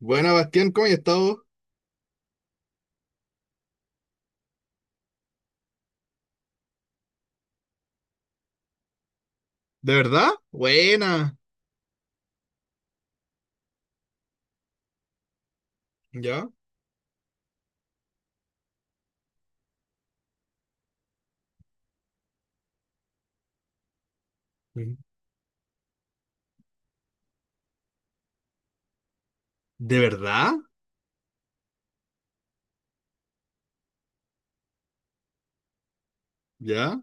Buena, Bastián, ¿cómo has estado? ¿De verdad? Buena. ¿Ya? Ujú. ¿De verdad? ¿Ya?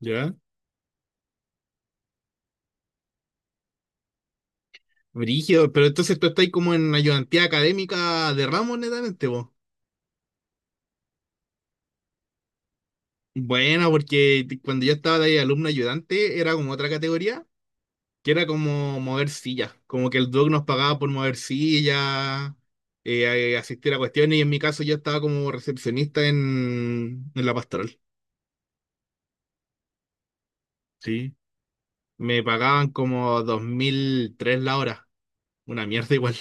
¿Ya? Brígido, pero entonces tú estás como en ayudantía académica de ramos, netamente, vos. Buena, porque cuando yo estaba de ahí alumno ayudante, era como otra categoría, que era como mover sillas, como que el doc nos pagaba por mover sillas, asistir a cuestiones, y en mi caso yo estaba como recepcionista en la pastoral. Sí. Me pagaban como 2003 la hora. Una mierda igual.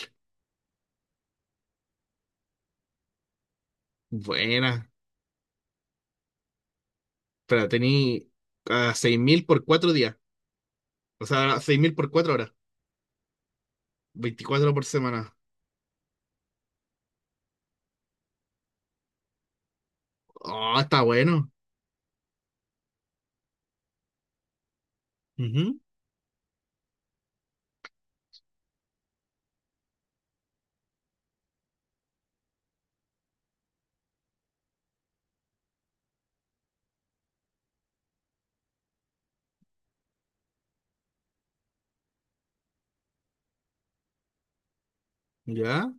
Buena. Pero tení a 6000 por 4 días. O sea, 6000 por 4 horas. 24 por semana. Oh, está bueno. Ujú, ya.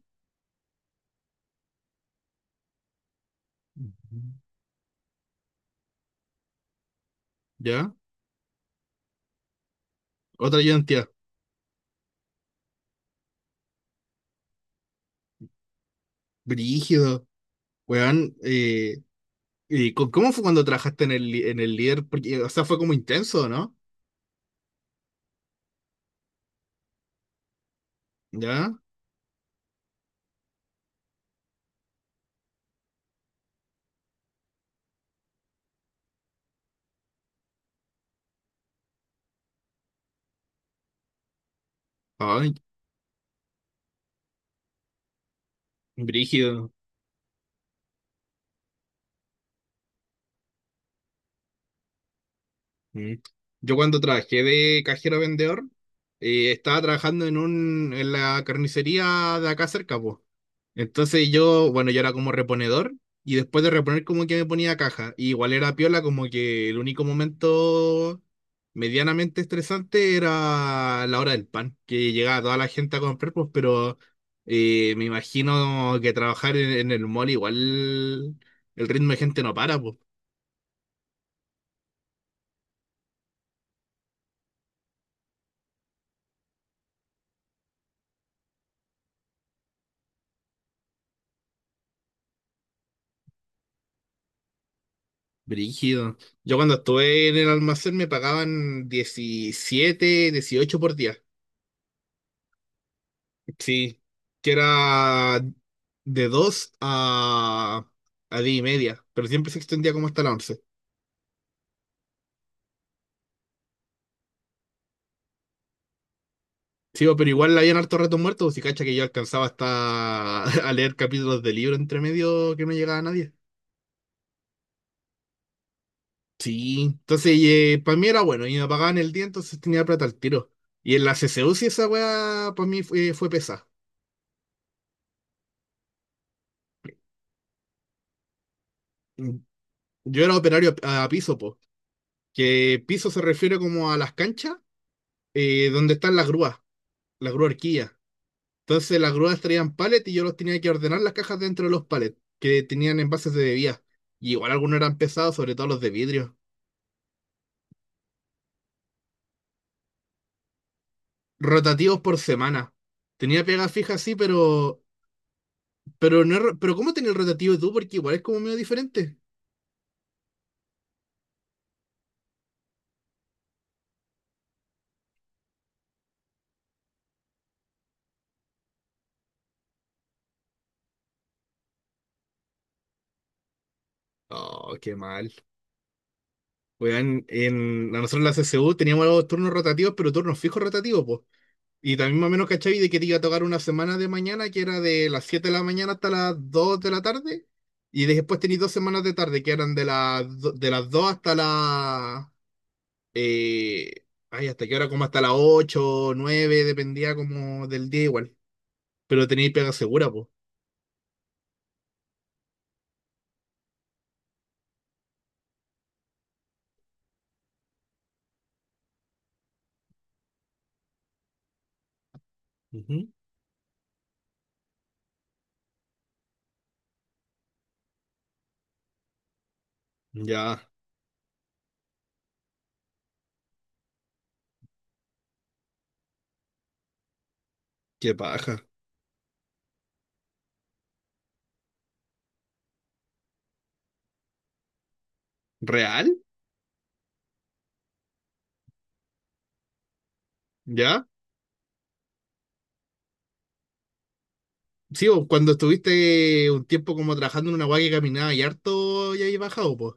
Ujú, ya. Otra ayudantía. Brígido. Weón. ¿Y cómo fue cuando trabajaste en en el líder? Porque, o sea, fue como intenso, ¿no? Ya. Ay, brígido. Mm. Yo cuando trabajé de cajero vendedor, estaba trabajando en en la carnicería de acá cerca, pues. Entonces yo, bueno, yo era como reponedor y después de reponer como que me ponía caja. Y igual era piola, como que el único momento medianamente estresante era la hora del pan, que llegaba toda la gente a comprar, pues, pero me imagino que trabajar en el mall igual el ritmo de gente no para, pues. Brígido. Yo cuando estuve en el almacén me pagaban 17 18 por día. Sí, que era de 2 a 10 y media, pero siempre se extendía como hasta las 11. Sí, bo, pero igual habían hartos ratos muertos, si cacha que yo alcanzaba hasta a leer capítulos de libro entre medio que no llegaba nadie. Sí, entonces para mí era bueno, y me pagaban el día, entonces tenía plata al tiro. Y en la CCU sí esa weá para mí fue pesada. Mm, yo era operario a piso, po, que piso se refiere como a las canchas, donde están las grúas, las grúas. Entonces las grúas traían palets y yo los tenía que ordenar las cajas dentro de los palets, que tenían envases de bebidas. Y igual algunos eran pesados, sobre todo los de vidrio. Rotativos por semana. Tenía pega fija, sí, pero. Pero no. Pero, ¿cómo tenía el rotativo tú? Porque igual es como medio diferente. Oh, qué mal. Weón, a nosotros en la CCU teníamos los turnos rotativos, pero turnos fijos rotativos, pues. Y también más o menos cachai de que te iba a tocar una semana de mañana que era de las 7 de la mañana hasta las 2 de la tarde. Y después tenéis 2 semanas de tarde que eran de de las 2 eh, ay, ¿hasta qué hora? Como hasta las ocho nueve, dependía como del día igual. Pero tenéis pega segura, pues. Ya, qué paja. ¿Real? ¿Ya? Sí, o cuando estuviste un tiempo como trabajando en una guay que caminaba y harto y ahí bajado, pues.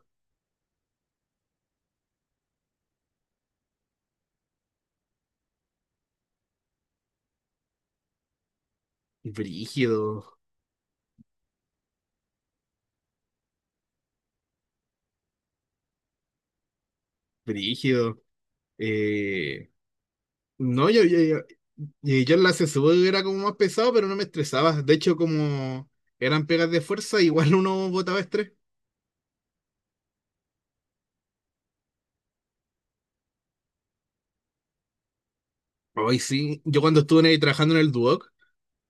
Brígido, brígido. Eh, No, y yo en la CSU era como más pesado, pero no me estresaba. De hecho, como eran pegas de fuerza, igual uno botaba estrés. Hoy sí, yo cuando estuve ahí trabajando en el Duoc,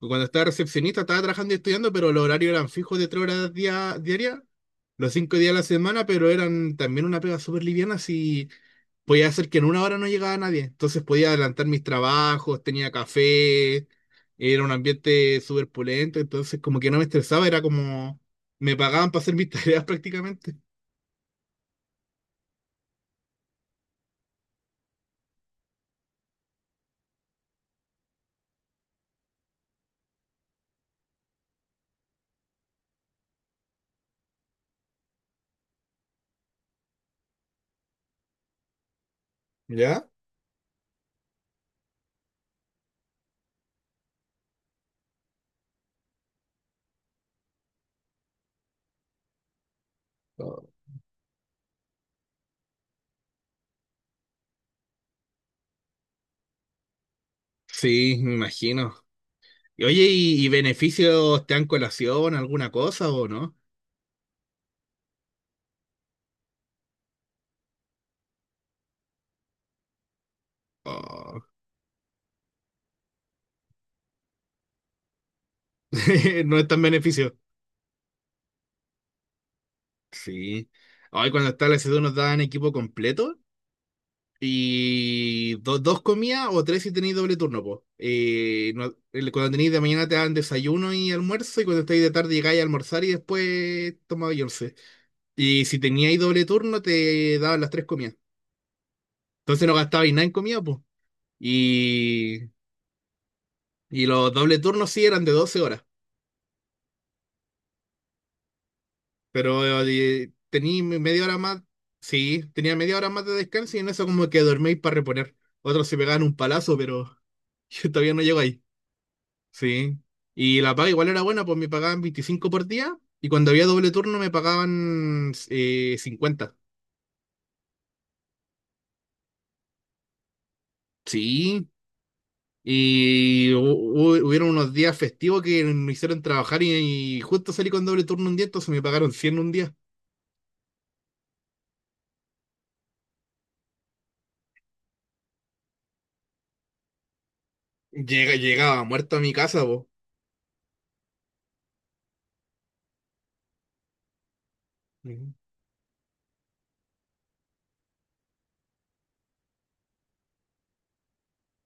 cuando estaba recepcionista, estaba trabajando y estudiando, pero los horarios eran fijos de 3 horas diarias los 5 días de la semana, pero eran también una pega súper liviana, si podía hacer que en una hora no llegaba nadie. Entonces podía adelantar mis trabajos, tenía café, era un ambiente súper pulento, entonces como que no me estresaba, era como me pagaban para hacer mis tareas prácticamente. ¿Ya? Oh. Sí, me imagino. Y oye, y beneficios te dan colación, alguna cosa o no? Oh, no es tan beneficio. Sí. Hoy cuando está la S2 nos dan equipo completo. Y dos comidas o tres si tenéis doble turno, pues. Cuando tenéis de mañana te dan desayuno y almuerzo, y cuando estáis de tarde llegáis a almorzar y después tomabais once. Y si teníais doble turno te daban las tres comidas. Entonces no gastabais nada en comida, pues. Y, y los doble turnos sí eran de 12 horas, pero tenéis media hora más, sí, tenía media hora más de descanso y en eso como que dorméis para reponer. Otros se pegaban un palazo, pero yo todavía no llego ahí. Sí. Y la paga igual era buena, pues me pagaban 25 por día y cuando había doble turno me pagaban 50. Sí. Y hubieron unos días festivos que me hicieron trabajar y justo salí con doble turno un día, entonces me pagaron 100 un día. Llegaba muerto a mi casa, vos.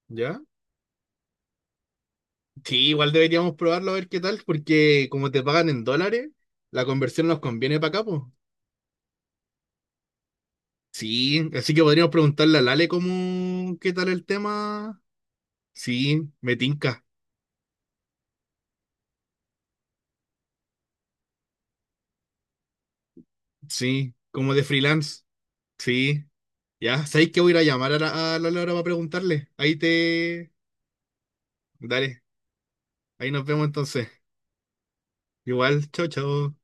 ¿Ya? Sí, igual deberíamos probarlo a ver qué tal, porque como te pagan en dólares, la conversión nos conviene para acá, pues. Sí, así que podríamos preguntarle a Lale cómo, qué tal el tema. Sí, me tinca. Sí, como de freelance. Sí, ya. ¿Sabéis que voy a ir a llamar a a la Laura para preguntarle? Ahí te... Dale, ahí nos vemos entonces. Igual, chao, chao.